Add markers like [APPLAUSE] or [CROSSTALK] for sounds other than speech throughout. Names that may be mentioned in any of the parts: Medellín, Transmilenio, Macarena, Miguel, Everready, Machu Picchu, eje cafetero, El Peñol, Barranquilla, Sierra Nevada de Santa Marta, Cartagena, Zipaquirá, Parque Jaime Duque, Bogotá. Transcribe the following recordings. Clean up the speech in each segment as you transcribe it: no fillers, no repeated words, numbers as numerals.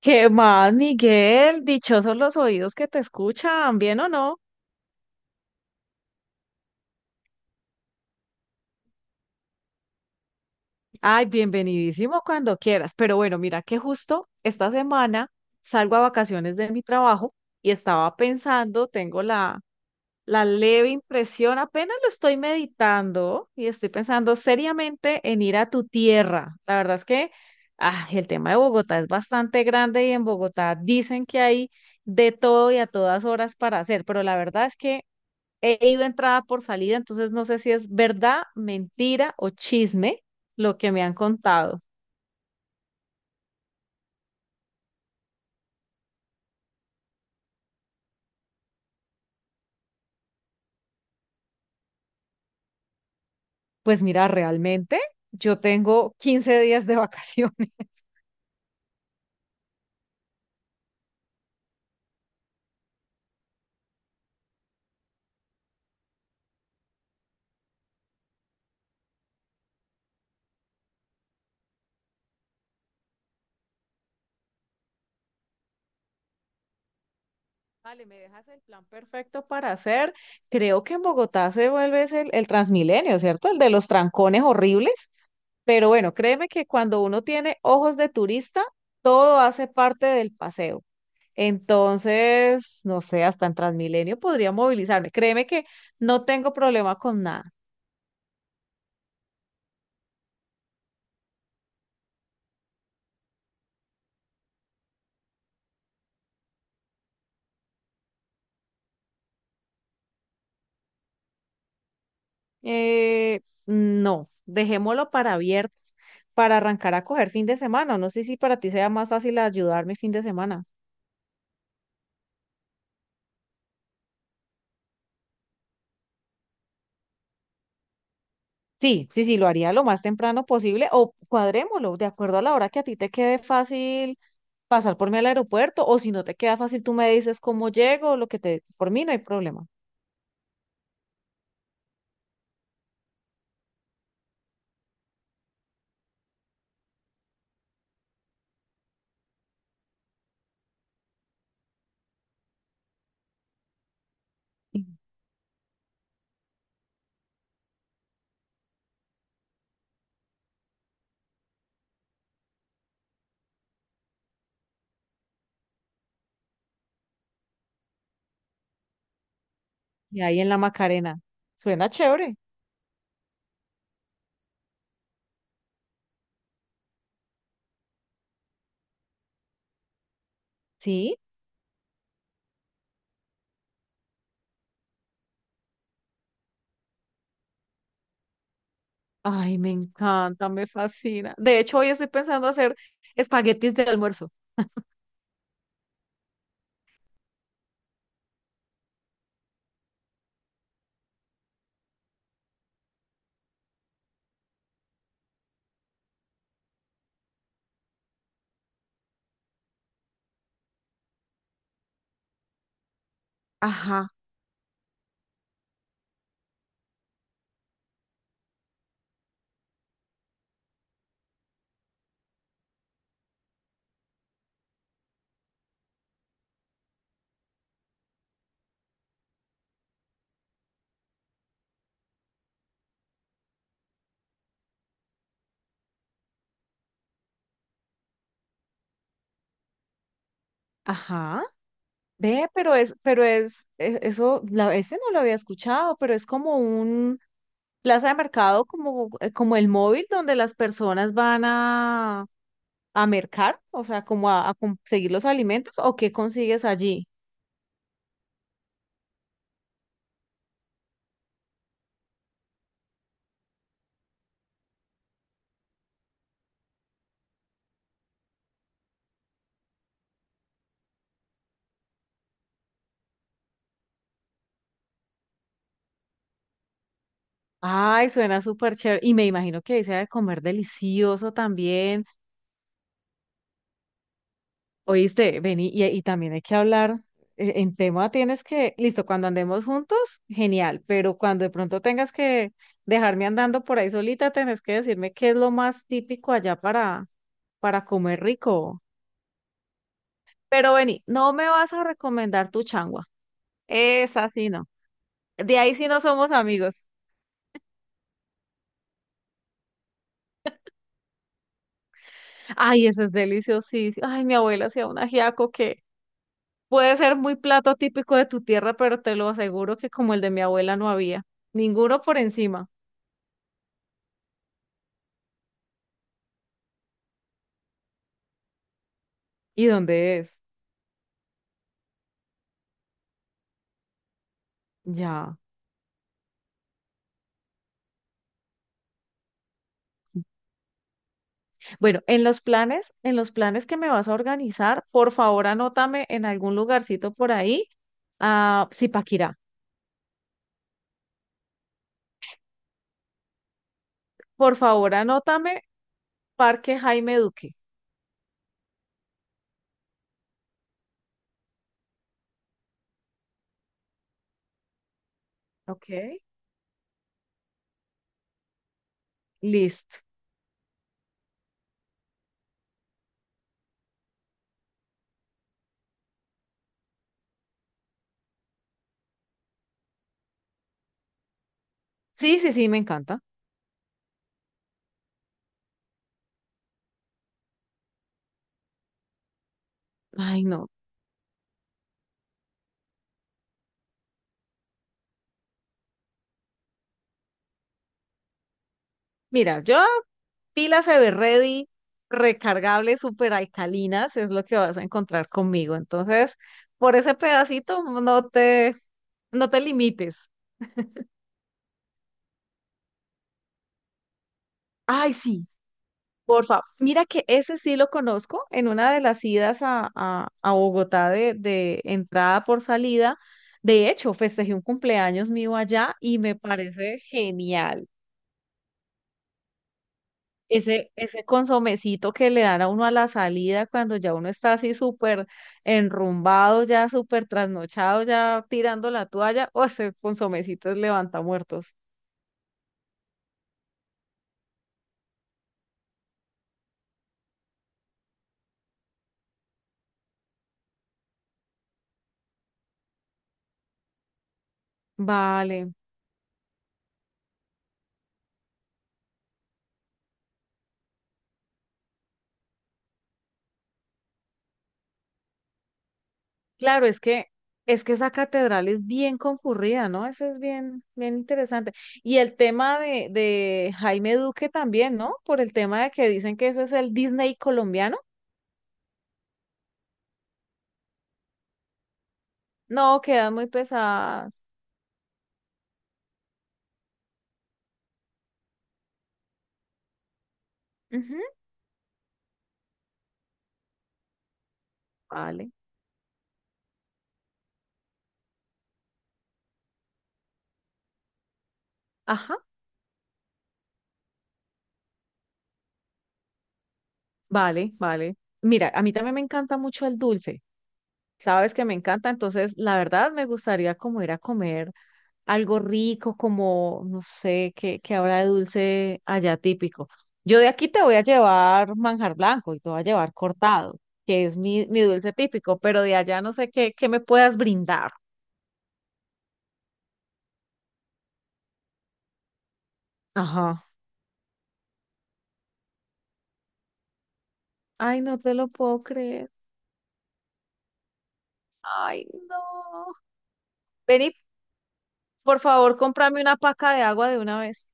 ¿Qué más, Miguel? Dichosos los oídos que te escuchan, ¿bien o no? Ay, bienvenidísimo cuando quieras. Pero bueno, mira que justo esta semana salgo a vacaciones de mi trabajo y estaba pensando, tengo la leve impresión, apenas lo estoy meditando y estoy pensando seriamente en ir a tu tierra. La verdad es que el tema de Bogotá es bastante grande y en Bogotá dicen que hay de todo y a todas horas para hacer, pero la verdad es que he ido entrada por salida, entonces no sé si es verdad, mentira o chisme lo que me han contado. Pues mira, realmente yo tengo 15 días de vacaciones. [LAUGHS] Vale, me dejas el plan perfecto para hacer. Creo que en Bogotá se vuelve ese el Transmilenio, ¿cierto? El de los trancones horribles. Pero bueno, créeme que cuando uno tiene ojos de turista, todo hace parte del paseo. Entonces, no sé, hasta en Transmilenio podría movilizarme. Créeme que no tengo problema con nada. Eh, no, dejémoslo para viernes, para arrancar a coger fin de semana. No sé si para ti sea más fácil ayudarme fin de semana. Sí, sí, sí, lo haría lo más temprano posible o cuadrémoslo de acuerdo a la hora que a ti te quede fácil pasar por mí al aeropuerto o si no te queda fácil tú me dices cómo llego, lo que te... Por mí no hay problema. Y y ahí en la Macarena. Suena chévere, ¿sí? Ay, me encanta, me fascina. De hecho, hoy estoy pensando hacer espaguetis de almuerzo. Ajá. Ajá. Ve, pero es, e- eso, la, ese no lo había escuchado, pero es como un plaza de mercado, como, como el móvil donde las personas van a mercar, o sea, como a conseguir los alimentos, o qué consigues allí. Ay, suena súper chévere. Y me imagino que ahí se ha de comer delicioso también. Oíste, vení, y también hay que hablar tienes que, listo, cuando andemos juntos, genial, pero cuando de pronto tengas que dejarme andando por ahí solita, tenés que decirme qué es lo más típico allá para comer rico. Pero vení, no me vas a recomendar tu changua, esa sí no. De ahí sí no somos amigos. Ay, eso es deliciosísimo. Ay, mi abuela hacía un ajiaco que puede ser muy plato típico de tu tierra, pero te lo aseguro que como el de mi abuela no había. Ninguno por encima. ¿Y dónde es? Ya. Bueno, en los planes que me vas a organizar, por favor anótame en algún lugarcito por ahí a Zipaquirá. Por favor anótame Parque Jaime Duque. Ok. Listo. Sí, sí, sí, me encanta. Ay, no. Mira, yo pilas Everready, recargables, super alcalinas, es lo que vas a encontrar conmigo. Entonces, por ese pedacito no te limites. Ay, sí. Por favor, mira que ese sí lo conozco en una de las idas a Bogotá de entrada por salida. De hecho, festejé un cumpleaños mío allá y me parece genial. Ese consomecito que le dan a uno a la salida cuando ya uno está así súper enrumbado, ya súper trasnochado, ya tirando la toalla, [LAUGHS] o ese consomecito es levanta muertos. Vale. Claro, es que esa catedral es bien concurrida, ¿no? Eso es bien, bien interesante. Y el tema de Jaime Duque también, ¿no? Por el tema de que dicen que ese es el Disney colombiano. No, quedan muy pesadas. Ujú, vale. Ajá. Vale, vale. Mira, a mí también me encanta mucho el dulce. Sabes que me encanta, entonces la verdad me gustaría como ir a comer algo rico como, no sé, qué habrá de dulce allá típico. Yo de aquí te voy a llevar manjar blanco y te voy a llevar cortado, que es mi dulce típico, pero de allá no sé qué, qué me puedas brindar. Ajá. Ay, no te lo puedo creer. Ay, no. Ven y, por favor, cómprame una paca de agua de una vez.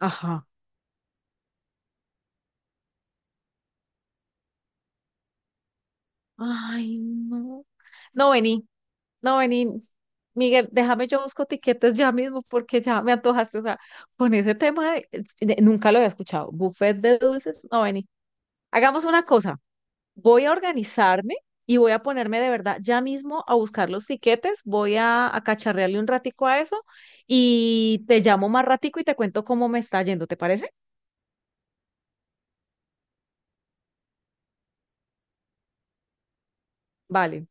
Ajá. Ay, no. No, vení. No, vení, Miguel, déjame yo busco tiquetes ya mismo porque ya me antojaste. O sea, con ese tema de- nunca lo había escuchado. Buffet de dulces. No, vení. Hagamos una cosa. Voy a organizarme y voy a ponerme de verdad ya mismo a buscar los tiquetes. Voy a cacharrearle un ratico a eso y te llamo más ratico y te cuento cómo me está yendo. ¿Te parece? Vale,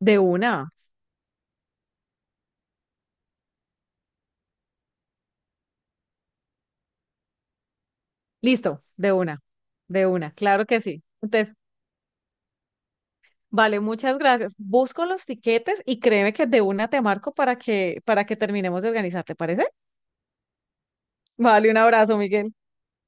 de una. Listo, de una. De una, claro que sí. Entonces, vale, muchas gracias. Busco los tiquetes y créeme que de una te marco para que terminemos de organizar, ¿te parece? Vale, un abrazo, Miguel.